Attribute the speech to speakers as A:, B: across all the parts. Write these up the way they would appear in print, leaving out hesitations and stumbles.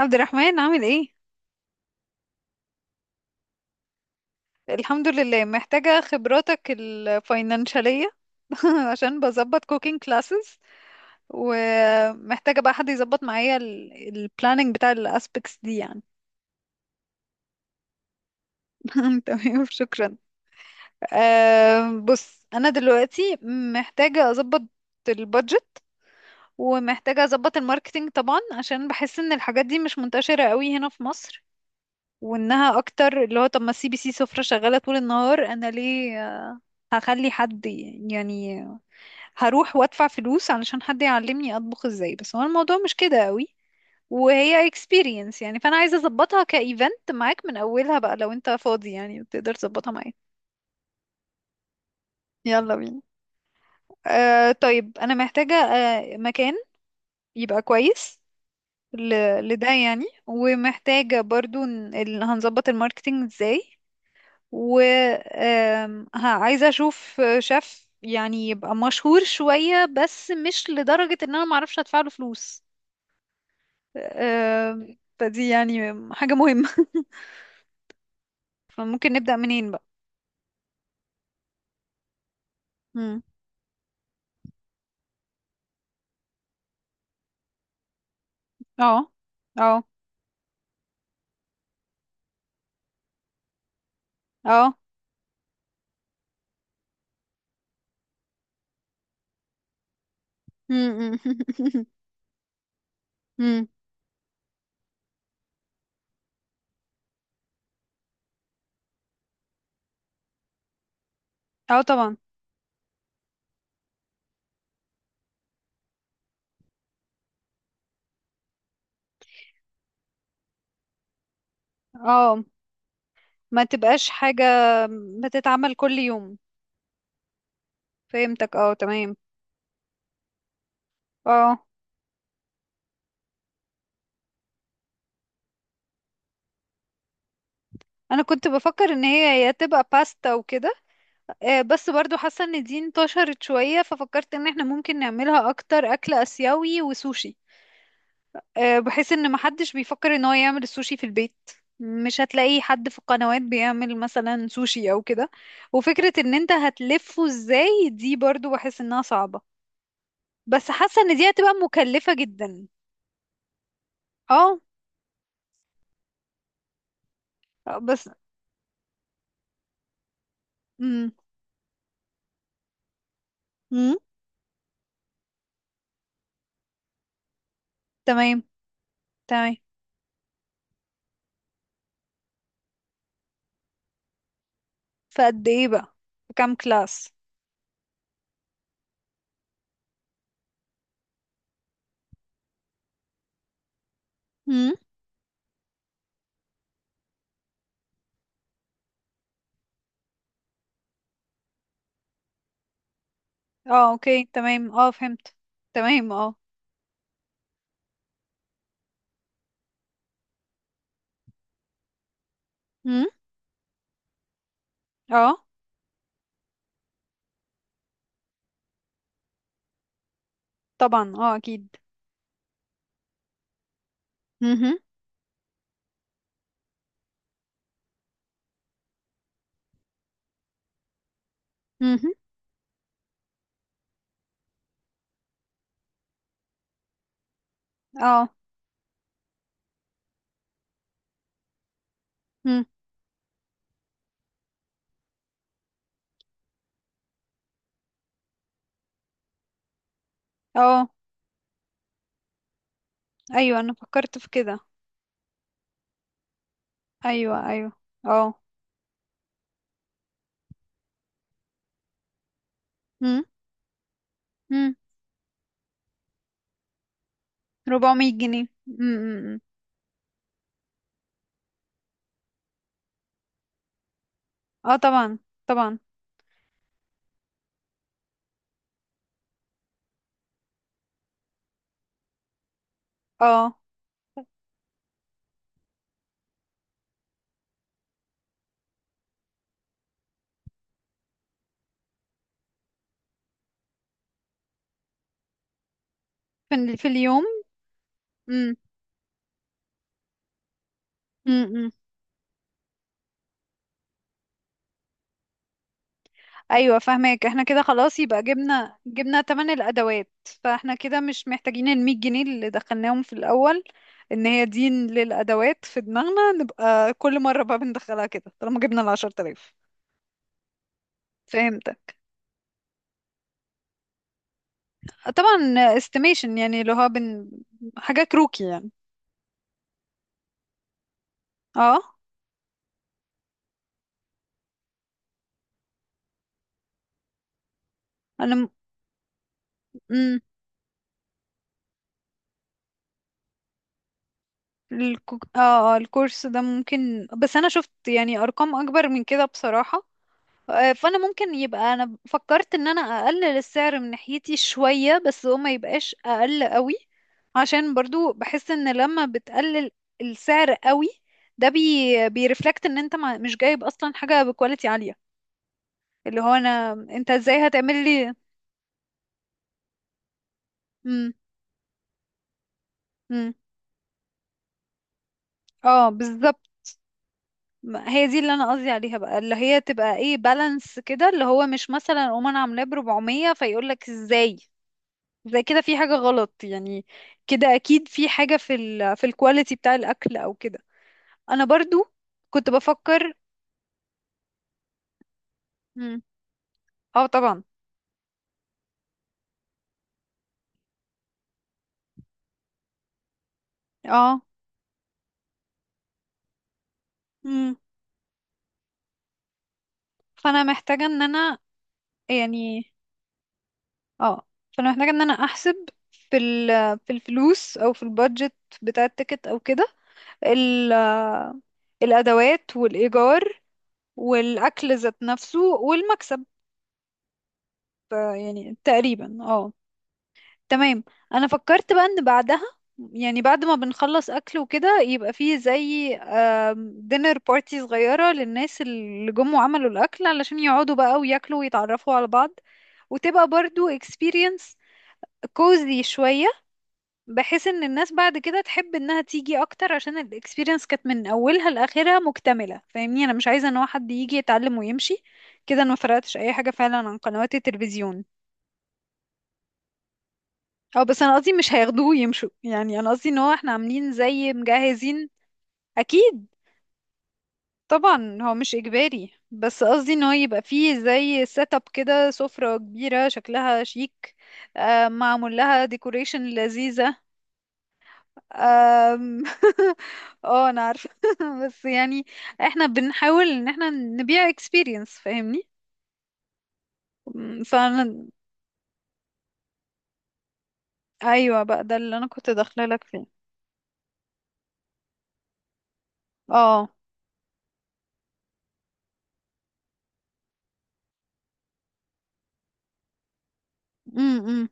A: عبد الرحمن عامل ايه؟ الحمد لله، محتاجة خبراتك الفاينانشالية. عشان بظبط كوكينج كلاسز، ومحتاجة بقى حد يظبط معايا البلاننج بتاع الاسبكتس دي يعني. تمام، شكرا. بص انا دلوقتي محتاجة اظبط البادجت، ومحتاجة اظبط الماركتينج طبعا، عشان بحس ان الحاجات دي مش منتشرة قوي هنا في مصر، وانها اكتر اللي هو طب ما السي بي سي سفرة شغالة طول النهار، انا ليه هخلي حد يعني هروح وادفع فلوس علشان حد يعلمني اطبخ ازاي؟ بس هو الموضوع مش كده قوي، وهي experience يعني، فانا عايزه اظبطها كايفنت معاك من اولها بقى، لو انت فاضي يعني تقدر تظبطها معايا. يلا بينا. طيب انا محتاجه مكان يبقى كويس لده يعني، ومحتاجه برضو هنظبط الماركتينج ازاي، و ها، عايزة أشوف شيف يعني يبقى مشهور شوية بس مش لدرجة إن أنا معرفش أدفع له فلوس. فدي يعني حاجة مهمة. فممكن نبدأ منين بقى؟ مم. اه، اه، اه. مم. مم. اه طبعا. اه، ما تبقاش حاجة بتتعمل كل يوم. فهمتك، اه تمام. اه، انا كنت بفكر ان هي يا تبقى باستا وكده، بس برضو حاسة ان دي انتشرت شوية، ففكرت ان احنا ممكن نعملها اكتر اكل اسيوي وسوشي، بحيث ان محدش بيفكر ان هو يعمل السوشي في البيت. مش هتلاقي حد في القنوات بيعمل مثلا سوشي او كده، وفكرة ان انت هتلفه ازاي دي برضو بحس انها صعبة، بس حاسة ان دي هتبقى مكلفة جدا. اه. بس مم. مم. تمام، تمام. فقد ايه بقى؟ في كام كلاس؟ مم. اه اوكي، تمام، اه فهمت. تمام. اه، اه طبعا. اه اكيد. مهم. مهم. اه. مم. اه، ايوه انا فكرت في كده. ايوه، ايوه. اه. مم. مم. 400 جنيه. مم. مم. مم. اه طبعا، طبعا. اه، في اليوم. مم. مم. مم. ايوه فاهمك، احنا كده خلاص يبقى جبنا تمن الادوات، فاحنا كده مش محتاجين ال 100 جنيه اللي دخلناهم في الاول، ان هي دي للادوات في دماغنا، نبقى كل مره بقى بندخلها كده طالما جبنا ال 10000. فهمت. طبعا. استيميشن يعني اللي هو حاجة كروكي يعني. اه انا م... مم. اه، الكورس ده ممكن، بس انا شفت يعني ارقام اكبر من كده بصراحة. فانا ممكن يبقى، انا فكرت ان انا اقلل السعر من ناحيتي شوية بس هو ما يبقاش اقل قوي، عشان برضو بحس ان لما بتقلل السعر قوي ده بيرفلكت ان انت ما... مش جايب اصلا حاجة بكواليتي عالية، اللي هو انا انت ازاي هتعمل لي. مم. مم. اه بالظبط. هي دي اللي انا قصدي عليها بقى، اللي هي تبقى ايه بالانس كده، اللي هو مش مثلا اقوم انا عاملاه ب 400 فيقول لك ازاي زي كده، في حاجه غلط يعني. كده اكيد في حاجه في الكواليتي بتاع الاكل او كده. انا برضو كنت بفكر. مم. اه طبعا. اه. مم. فانا محتاجه ان انا يعني، اه، فانا محتاجه ان انا احسب في ال في الفلوس او في البادجت بتاع التيكت او كده، ال الادوات والايجار والأكل ذات نفسه والمكسب. يعني تقريبا اه. تمام. أنا فكرت بقى إن بعدها يعني بعد ما بنخلص أكل وكده، يبقى فيه زي دينر بارتي صغيرة للناس اللي جم وعملوا الأكل علشان يقعدوا بقى وياكلوا ويتعرفوا على بعض، وتبقى برضو experience كوزي شوية، بحيث ان الناس بعد كده تحب انها تيجي اكتر عشان الاكسبيرينس كانت من اولها لاخرها مكتمله. فاهمني، انا مش عايزه ان هو حد يجي يتعلم ويمشي، كده انا ما فرقتش اي حاجه فعلا عن قنوات التلفزيون. او بس انا قصدي مش هياخدوه ويمشوا، يعني انا قصدي ان هو احنا عاملين زي مجهزين. اكيد طبعا هو مش اجباري، بس قصدي ان هو يبقى فيه زي سيت اب كده، سفره كبيره شكلها شيك، معمول لها ديكوريشن لذيذه. أم... اه انا عارفة، بس يعني احنا بنحاول ان احنا نبيع experience، فاهمني. فانا، ايوه بقى ده اللي انا كنت داخله لك فيه. اه. امم.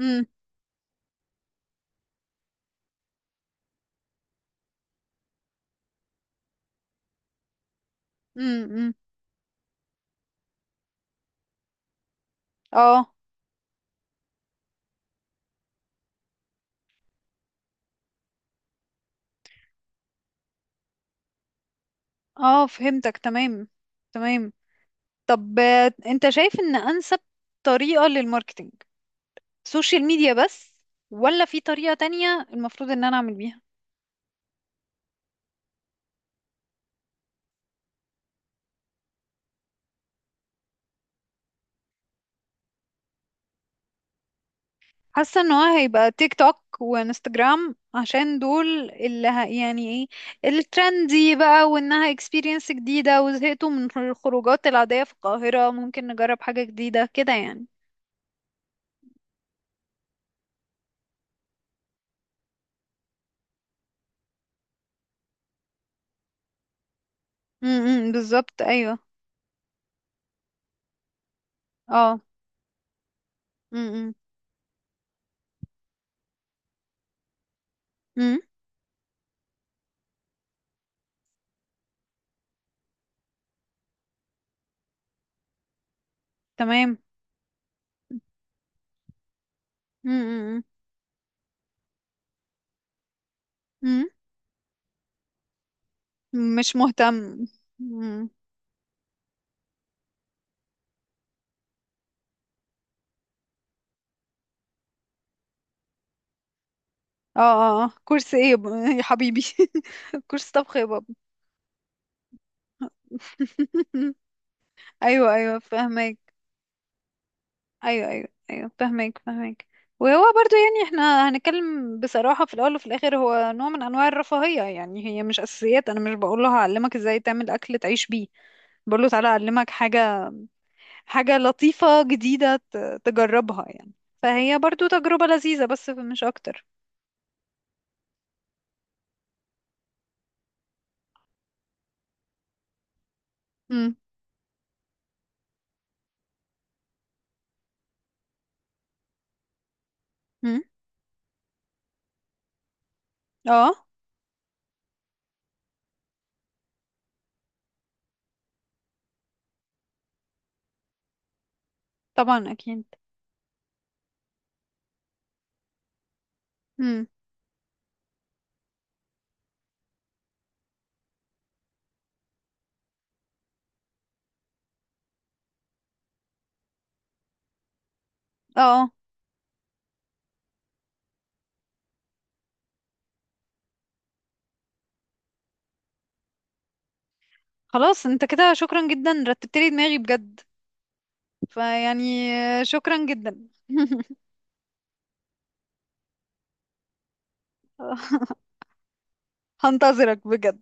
A: امم امم. اه. اه فهمتك، تمام، تمام. طب انت شايف ان انسب طريقة للماركتينج سوشيال ميديا بس ولا في طريقة تانية المفروض ان انا اعمل بيها؟ حاسه ان هو هيبقى تيك توك وانستجرام عشان دول اللي يعني ايه الترندي بقى، وانها اكسبيرينس جديده، وزهقتوا من الخروجات العاديه في القاهره ممكن نجرب حاجه جديده كده يعني. امم، بالظبط، ايوه. اه. امم. امم. تمام. امم. امم. مش مهتم. امم. اه. اه آه. كورس ايه يا يا حبيبي. كورس طبخ يا بابا. ايوه، ايوه فاهمك. ايوه، ايوه، ايوه، فهمك. وهو برضو يعني احنا هنتكلم بصراحة، في الاول وفي الاخر هو نوع من انواع الرفاهية يعني، هي مش اساسيات. انا مش بقول له هعلمك ازاي تعمل اكل تعيش بيه، بقول له تعالى اعلمك حاجة، حاجة لطيفة جديدة تجربها يعني، فهي برضو تجربة لذيذة بس مش اكتر. امم. امم. اه طبعا. اكيد. امم. اه آه. خلاص انت كده، شكرا جدا، رتبت لي دماغي بجد، فيعني شكرا جدا. هنتظرك بجد.